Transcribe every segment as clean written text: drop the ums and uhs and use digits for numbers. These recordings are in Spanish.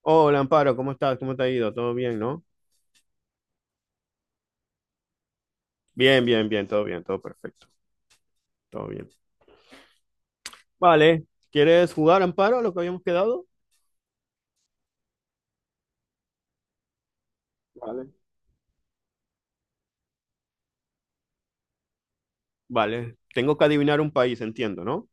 Hola, Amparo, ¿cómo estás? ¿Cómo te ha ido? ¿Todo bien, no? Bien, bien, bien, todo perfecto, todo bien. Vale, ¿quieres jugar, Amparo, a lo que habíamos quedado? Vale. Vale, tengo que adivinar un país, entiendo, ¿no?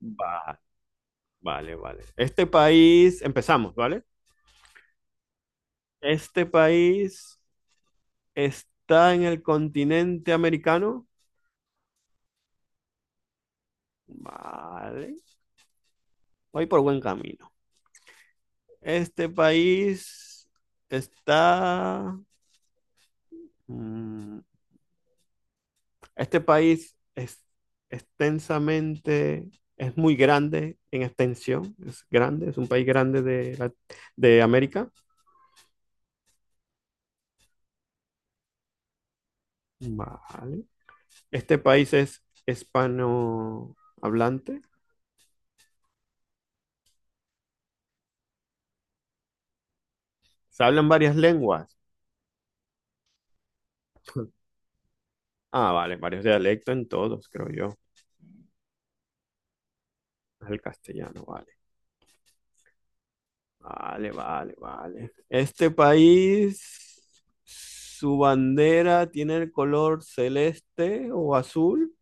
Va, vale, vale. Este país, empezamos, ¿vale? Este país está en el continente americano. Vale, voy por buen camino. Este país está... mm, Este país es extensamente, es muy grande en extensión, es grande, es un país grande de América. Vale. Este país es hispanohablante. Se hablan varias lenguas. Ah, vale, varios dialectos en todos, creo yo. Es el castellano, vale. Vale, vale, vale. Este país, su bandera tiene el color celeste o azul.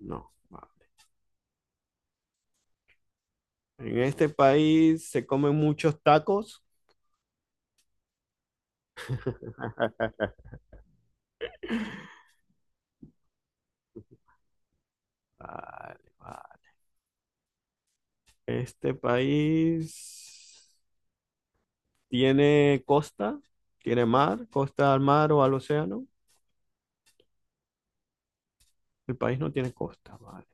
No, vale. En este país se comen muchos tacos. Vale, vale. Este país tiene costa, tiene mar, costa al mar o al océano. El país no tiene costa, vale,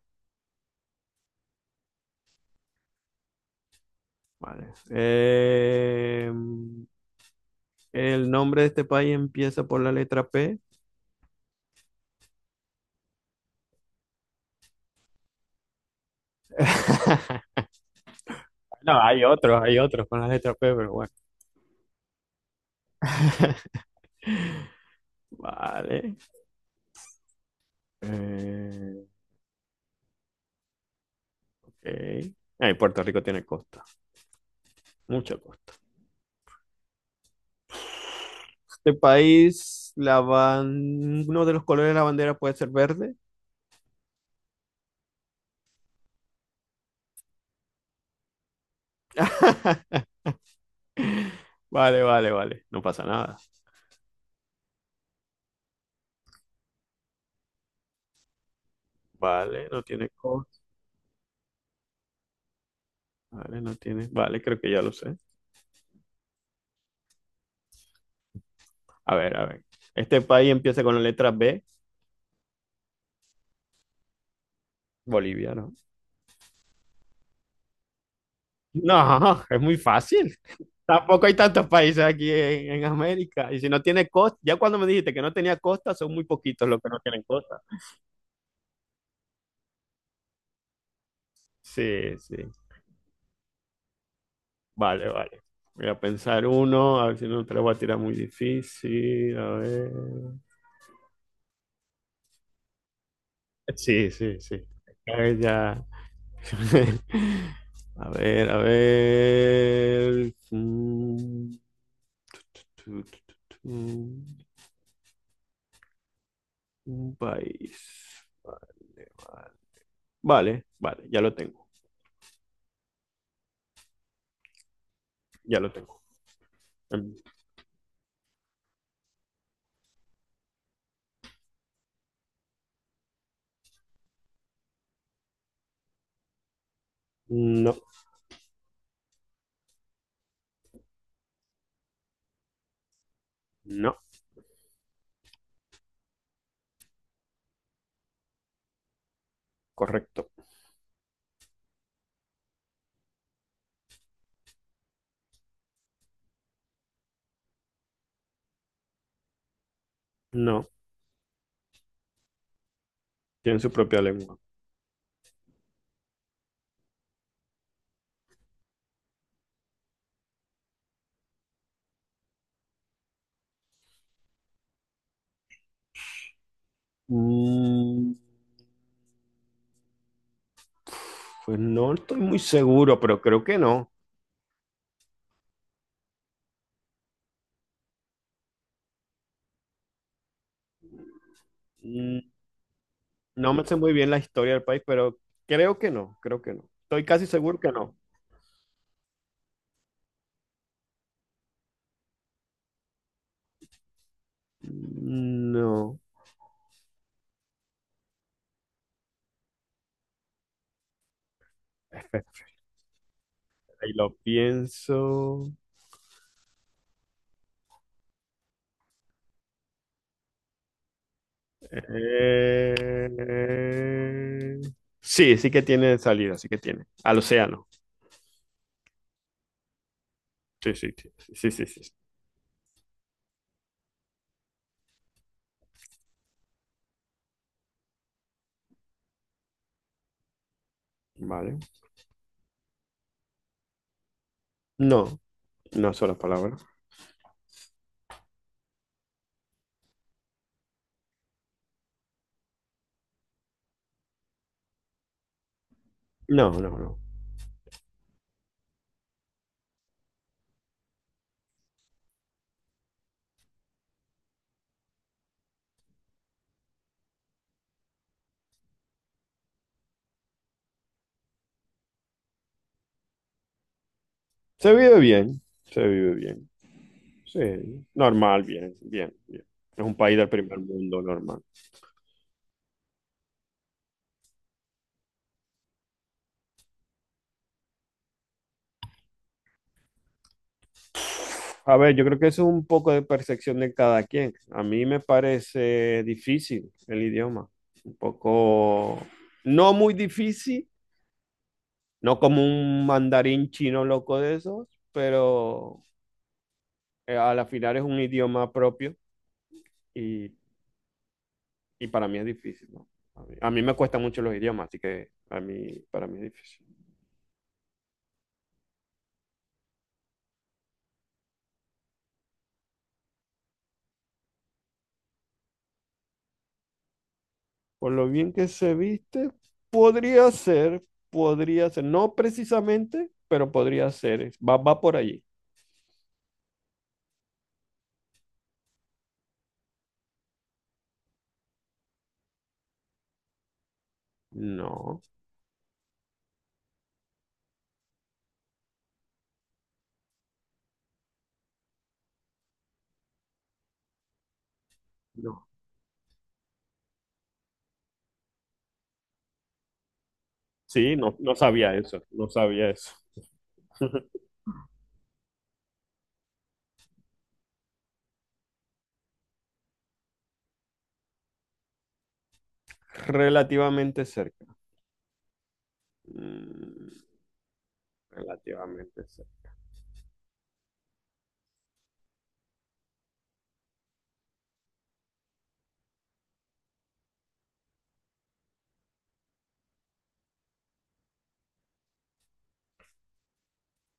vale. El nombre de este país empieza por la letra P. No, hay otros con la letra P, pero bueno. Vale. Eh, ok. Puerto Rico tiene costa, mucha costa. De país, uno de los colores de la bandera puede ser verde. Vale, vale, vale. No pasa nada. Vale, no tiene costa. Vale, no tiene. Vale, creo que ya lo sé. A ver, a ver. Este país empieza con la letra B. Bolivia, ¿no? No, es muy fácil. Tampoco hay tantos países aquí en América. Y si no tiene costa, ya cuando me dijiste que no tenía costa, son muy poquitos los que no tienen costa. Sí, sí. Vale, vale. Voy a pensar uno, a ver si no te lo voy a tirar muy difícil. A ver. Sí, sí, sí. A ver, ya. A ver, a ver. Tu, tu, tu, tu. Un país. Vale, vale. Vale, ya lo tengo, ya lo tengo. Em, No, no, correcto. No, tienen su propia lengua. Mm, Pues no estoy muy seguro, pero creo que no. No me sé muy bien la historia del país, pero creo que no, creo que no. Estoy casi seguro que no. No. Ahí lo pienso. Eh, Sí, sí que tiene salida, sí que tiene. Al océano. Sí, sí, sí, sí, sí, sí. Vale. No, no es sola palabra. No, no, no. Se vive bien, se vive bien. Sí, normal, bien, bien, bien. Es un país del primer mundo normal. A ver, yo creo que eso es un poco de percepción de cada quien. A mí me parece difícil el idioma, un poco, no muy difícil, no como un mandarín chino loco de esos, pero a la final es un idioma propio y, y para mí es difícil, ¿no? A mí me cuestan mucho los idiomas, así que a mí, para mí es difícil. Por lo bien que se viste, podría ser, podría ser, no precisamente, pero podría ser, va, va por allí. No. No. Sí, no, no sabía eso, no sabía eso. Relativamente cerca. Mm, relativamente cerca.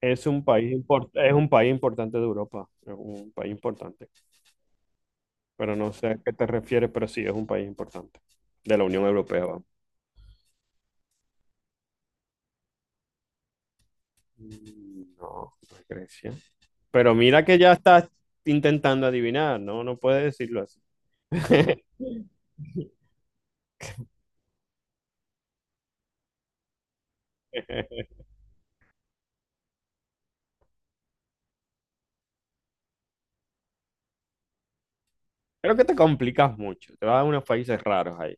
Es un país importante de Europa, es un país importante, pero no sé a qué te refieres, pero sí es un país importante de la Unión Europea, vamos. No, no es Grecia. Pero mira que ya estás intentando adivinar, no, no puedes decirlo así. Creo que te complicas mucho, te vas a unos países raros ahí.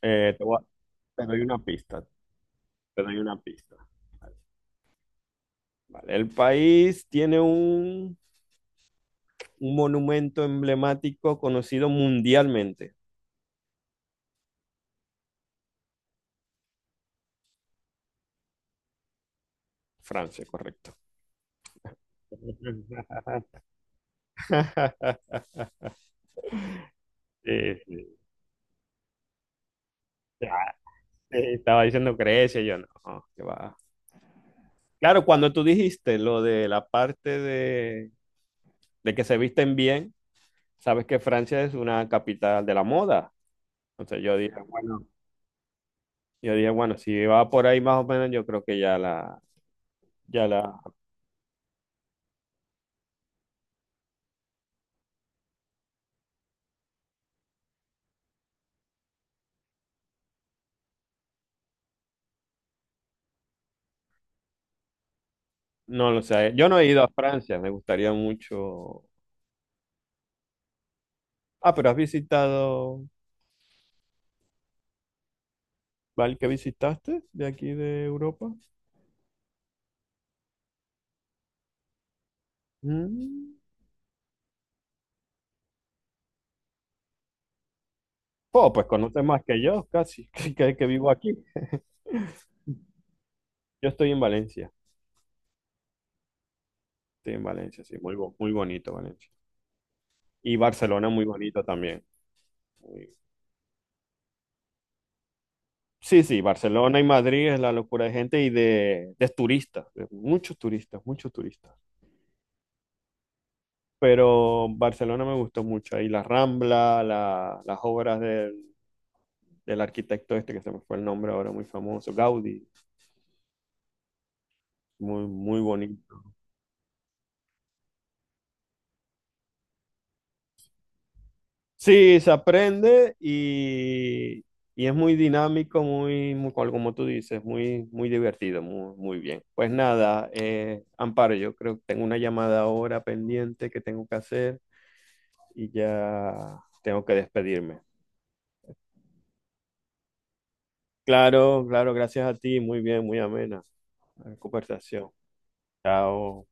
Eh, te voy a- te doy una pista. Pero hay una pista. Vale. Vale, el país tiene un monumento emblemático conocido mundialmente. Francia, correcto. Sí, sí. Ya, sí, estaba diciendo Grecia, yo no, que va. Claro, cuando tú dijiste lo de la parte de que se visten bien, sabes que Francia es una capital de la moda. Entonces yo dije, bueno, si va por ahí más o menos, yo creo que ya la, no lo sé. Yo no he ido a Francia, me gustaría mucho. Ah, pero has visitado, ¿vale? ¿Qué visitaste de aquí de Europa? Mm. Oh, pues conoces más que yo, casi, que vivo aquí. Yo estoy en Valencia, sí, muy bonito Valencia. Y Barcelona muy bonito también. Muy- Sí, sí, Barcelona y Madrid es la locura de gente y de turistas, de muchos turistas, muchos turistas. Pero Barcelona me gustó mucho, ahí la Rambla, las obras de del arquitecto este que se me fue el nombre ahora, muy famoso, Gaudí, muy, muy bonito. Sí, se aprende y es muy dinámico, muy, muy, como tú dices, muy, muy divertido, muy, muy bien. Pues nada, Amparo, yo creo que tengo una llamada ahora pendiente que tengo que hacer y ya tengo que despedirme. Claro, claro, gracias a ti, muy bien, muy amena la conversación. Chao.